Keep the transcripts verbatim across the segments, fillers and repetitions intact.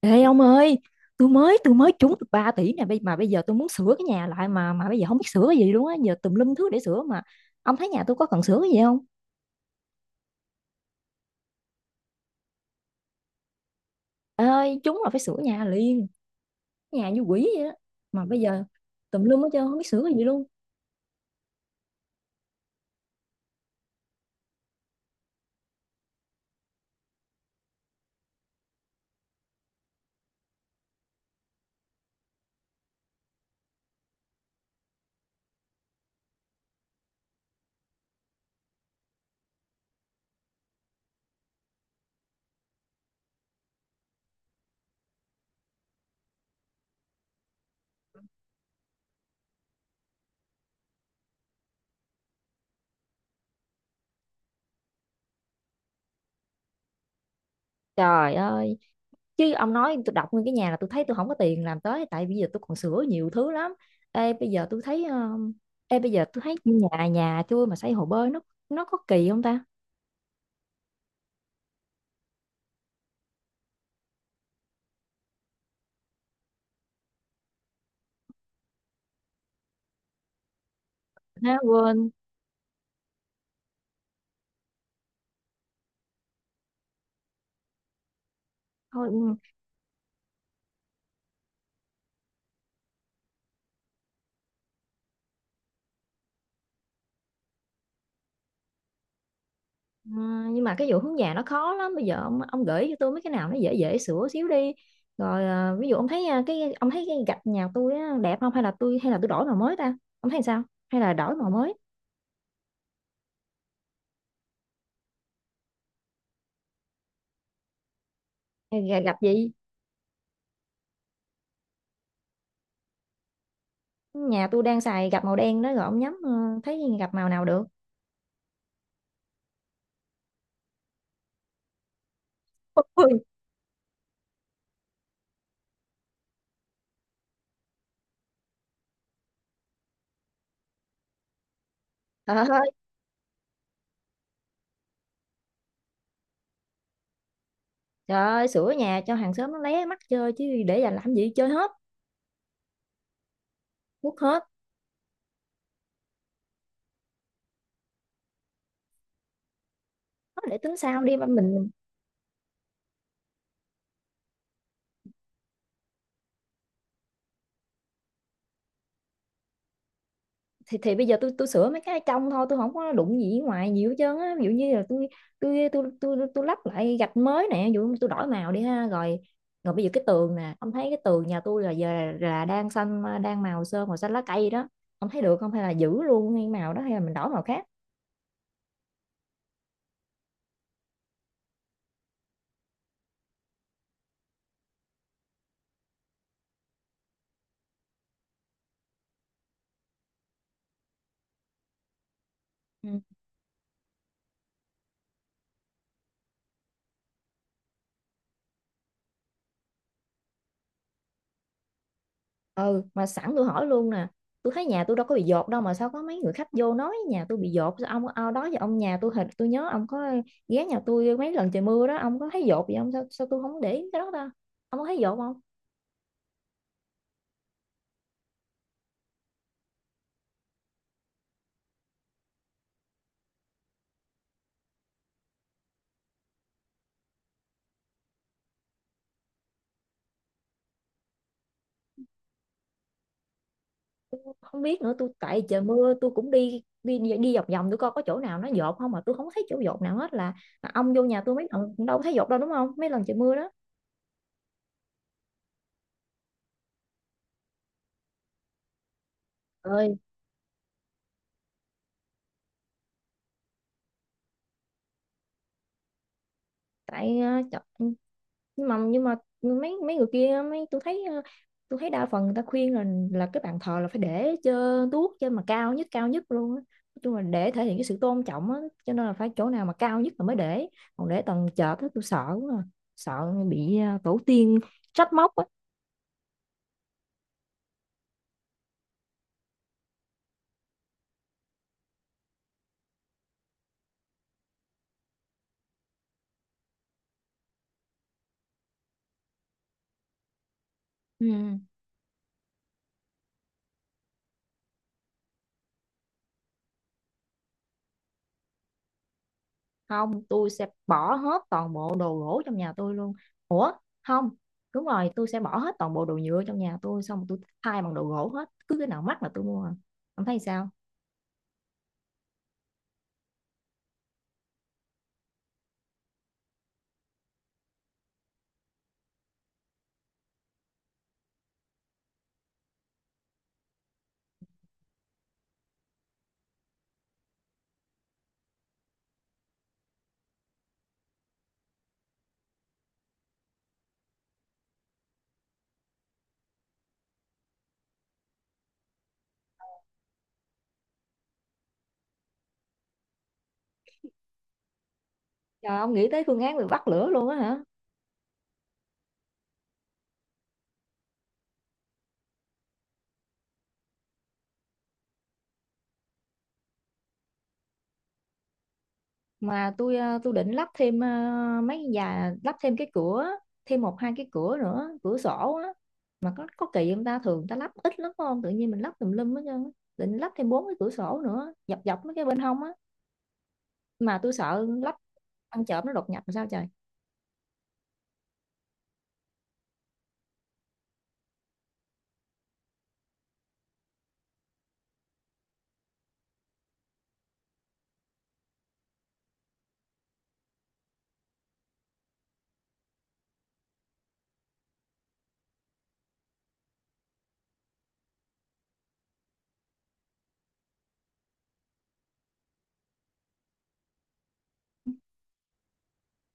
Ê ông ơi, tôi mới tôi mới trúng được ba tỷ nè, bây- mà bây giờ tôi muốn sửa cái nhà lại mà mà bây giờ không biết sửa cái gì luôn á, giờ tùm lum thứ để sửa mà. Ông thấy nhà tôi có cần sửa cái gì không? Ê ơi, trúng là phải sửa nhà liền, nhà như quỷ vậy đó. Mà bây giờ tùm lum hết trơn không biết sửa cái gì luôn. Trời ơi, chứ ông nói tôi đọc nguyên cái nhà là tôi thấy tôi không có tiền làm tới tại bây giờ tôi còn sửa nhiều thứ lắm. Ê bây giờ tôi thấy um, Ê bây giờ tôi thấy nhà nhà tôi mà xây hồ bơi nó nó có kỳ không ta? Ha quên. Thôi ừ. Ờ, nhưng mà cái vụ hướng nhà nó khó lắm, bây giờ ông ông gửi cho tôi mấy cái nào nó dễ dễ sửa xíu đi rồi. ờ, Ví dụ ông thấy, ờ, cái ông thấy cái gạch nhà tôi á, đẹp không, hay là tôi hay là tôi đổi màu mới ta, ông thấy sao? Hay là đổi màu mới, hay là gạch gì? Nhà tôi đang xài gạch màu đen đó, rồi ông nhắm ờ, thấy gạch màu nào được? Ôi, trời ơi, trời ơi, sửa nhà cho hàng xóm nó lé mắt chơi chứ để dành làm gì, chơi hết, quất hết. Nói để tính sau đi mà mình. Thì thì bây giờ tôi tôi sửa mấy cái trong thôi, tôi không có đụng gì ngoài nhiều hết trơn á. Ví dụ như là tôi tôi tôi tôi tôi tôi lắp lại gạch mới nè, ví dụ tôi đổi màu đi ha. Rồi rồi bây giờ cái tường nè, ông thấy cái tường nhà tôi là giờ là đang xanh, đang màu sơn màu xanh lá cây đó, ông thấy được không, hay là giữ luôn cái màu đó, hay là mình đổi màu khác? Ừ, ừ, mà sẵn tôi hỏi luôn nè. Tôi thấy nhà tôi đâu có bị dột đâu, mà sao có mấy người khách vô nói nhà tôi bị dột, sao ông ao đó giờ ông nhà tôi hình tôi nhớ ông có ghé nhà tôi mấy lần trời mưa đó, ông có thấy dột gì không? Sao sao tôi không để ý cái đó ta, ông có thấy dột không? Tôi không biết nữa, tôi tại trời mưa tôi cũng đi đi đi vòng vòng tôi coi có chỗ nào nó dột không mà tôi không thấy chỗ dột nào hết, là, là ông vô nhà tôi mấy lần cũng đâu có thấy dột đâu, đúng không, mấy lần trời mưa đó. Ơi, tại ờ, trời, nhưng mà nhưng mà mấy mấy người kia, mấy tôi thấy, ờ, tôi thấy đa phần người ta khuyên là là cái bàn thờ là phải để cho tuốt trên, mà cao nhất, cao nhất luôn á, nói chung là để thể hiện cái sự tôn trọng á, cho nên là phải chỗ nào mà cao nhất là mới để. Còn để tầng chợt á tôi sợ quá à, sợ bị ờ, tổ tiên trách móc á. Ừ. Không, tôi sẽ bỏ hết toàn bộ đồ gỗ trong nhà tôi luôn. Ủa, không. Đúng rồi, tôi sẽ bỏ hết toàn bộ đồ nhựa trong nhà tôi, xong tôi thay bằng đồ gỗ hết, cứ cái nào mắc là tôi mua à. Ông thấy sao? Trời, ông nghĩ tới phương án bị bắt lửa luôn á hả? Mà tôi ờ, tôi định lắp thêm ờ, mấy nhà lắp thêm cái cửa, thêm một hai cái cửa nữa, cửa sổ á. Mà có có kỳ không ta? Thường người ta lắp ít lắm phải không? Tự nhiên mình lắp tùm lum hết trơn á. Định lắp thêm bốn cái cửa sổ nữa, dọc dọc mấy cái bên hông á. Mà tôi sợ lắp ăn trộm nó đột nhập làm sao trời.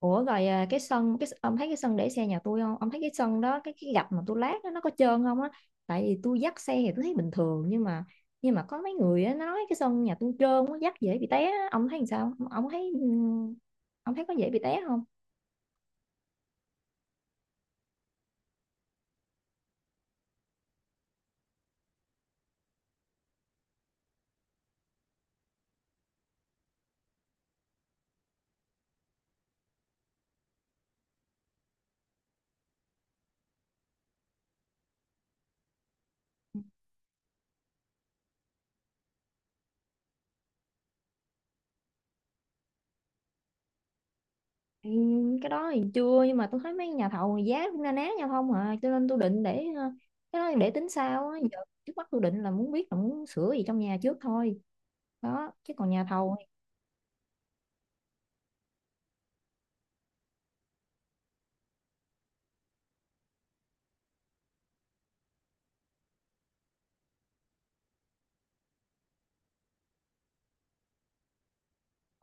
Ủa rồi à, cái sân, cái ông thấy cái sân để xe nhà tôi không? Ông thấy cái sân đó, cái cái gạch mà tôi lát đó, nó có trơn không á? Tại vì tôi dắt xe thì tôi thấy bình thường, nhưng mà nhưng mà có mấy người á, nói cái sân nhà tôi trơn quá, dắt dễ bị té á. Ông thấy làm sao? Ông, thấy ừ, ông thấy có dễ bị té không? Ừ, cái đó thì chưa, nhưng mà tôi thấy mấy nhà thầu thì giá cũng na ná nhau không à, cho nên tôi định để ờ, cái đó để tính sau á, giờ trước mắt tôi định là muốn biết là muốn sửa gì trong nhà trước thôi đó, chứ còn nhà thầu thì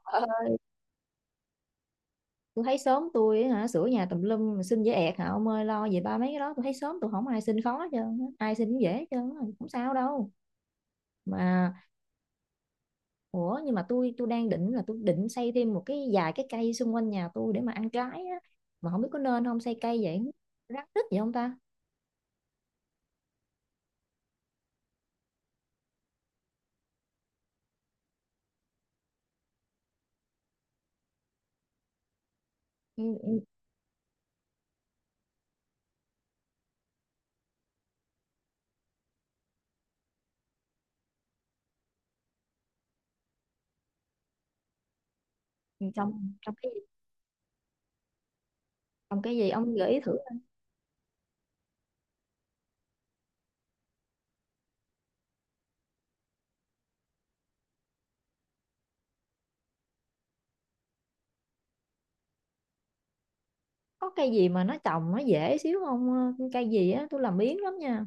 ờ, tôi thấy sớm tôi hả, sửa nhà tùm lum mà xin dễ ẹt hả ông ơi, lo về ba mấy cái đó, tôi thấy sớm tôi không ai xin khó hết trơn á, ai xin cũng dễ hết trơn á, không sao đâu mà. Ủa, nhưng mà tôi tôi đang định là tôi định xây thêm một cái vài cái cây xung quanh nhà tôi để mà ăn trái á, mà không biết có nên không, xây cây vậy rắc rít vậy không ta? Ừ, ừ, ừ, trồng trồng cái trong, cái gì ông gợi ý thử coi. Có cây gì mà nó trồng nó dễ xíu không? Ờ, cây gì á, tôi làm biếng lắm nha.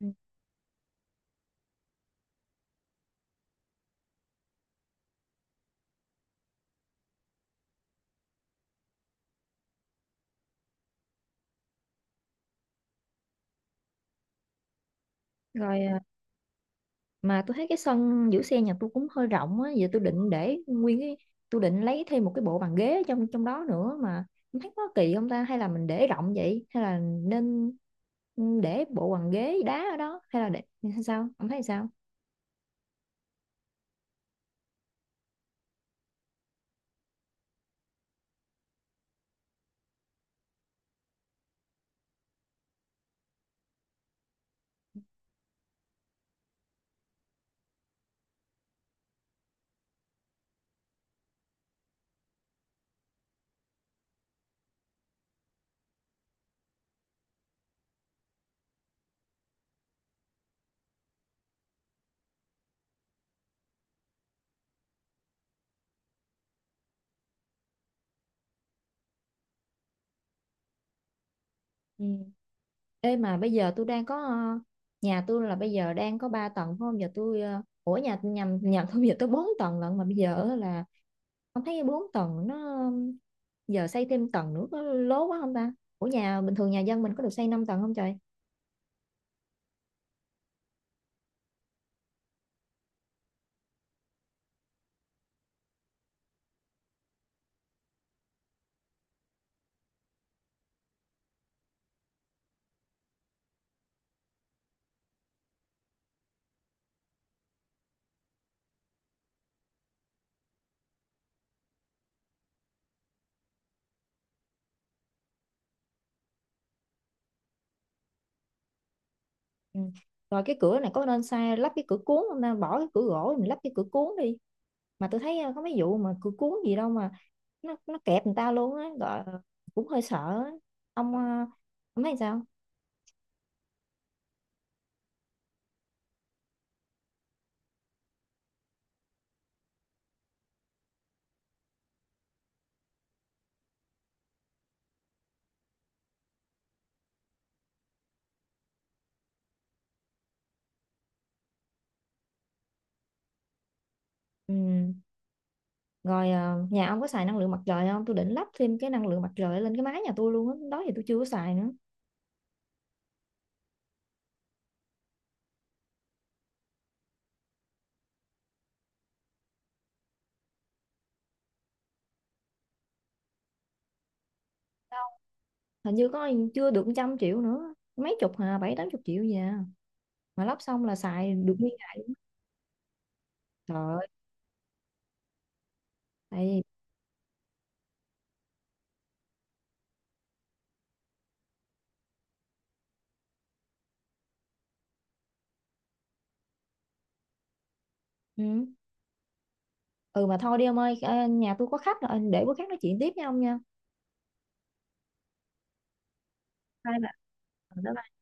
Ừ. Rồi à, mà tôi thấy cái sân giữ xe nhà tôi cũng hơi rộng á, giờ tôi định để nguyên cái, tôi định lấy thêm một cái bộ bàn ghế ở trong trong đó nữa mà không thấy có kỳ không ta, hay là mình để rộng vậy, hay là nên, ừ, để bộ bàn ghế đá ở đó, hay là để hay sao, ông thấy sao? Ừ. Ê mà bây giờ tôi đang có ờ, nhà tôi là bây giờ đang có ba tầng phải không? Giờ tôi ờ, ủa nhà nhầm, nhà tôi bây giờ tôi bốn tầng lận, mà bây giờ là không thấy bốn tầng nó giờ xây thêm tầng nữa có lố quá không ta? Ủa nhà bình thường nhà dân mình có được xây năm tầng không trời? Ừ. Rồi cái cửa này có nên sai lắp cái cửa cuốn không ta? Bỏ cái cửa gỗ mình lắp cái cửa cuốn đi. Mà tôi thấy ờ, có mấy vụ mà cửa cuốn gì đâu mà nó nó kẹp người ta luôn á, gọi cũng hơi sợ á. Ông ờ, ông thấy sao? Ừ. Rồi ờ, nhà ông có xài năng lượng mặt trời không, tôi định lắp thêm cái năng lượng mặt trời lên cái mái nhà tôi luôn á, đó thì tôi chưa có xài nữa. Hình như có chưa được trăm triệu nữa, mấy chục hà, bảy tám chục triệu gì à, mà lắp xong là xài được nguyên ngày. Trời ơi, tại vì, ừ. Ừ mà thôi đi ông ơi, ờ, nhà tôi có khách rồi, để bữa khác nói chuyện tiếp với ông nha. Bye. Bye.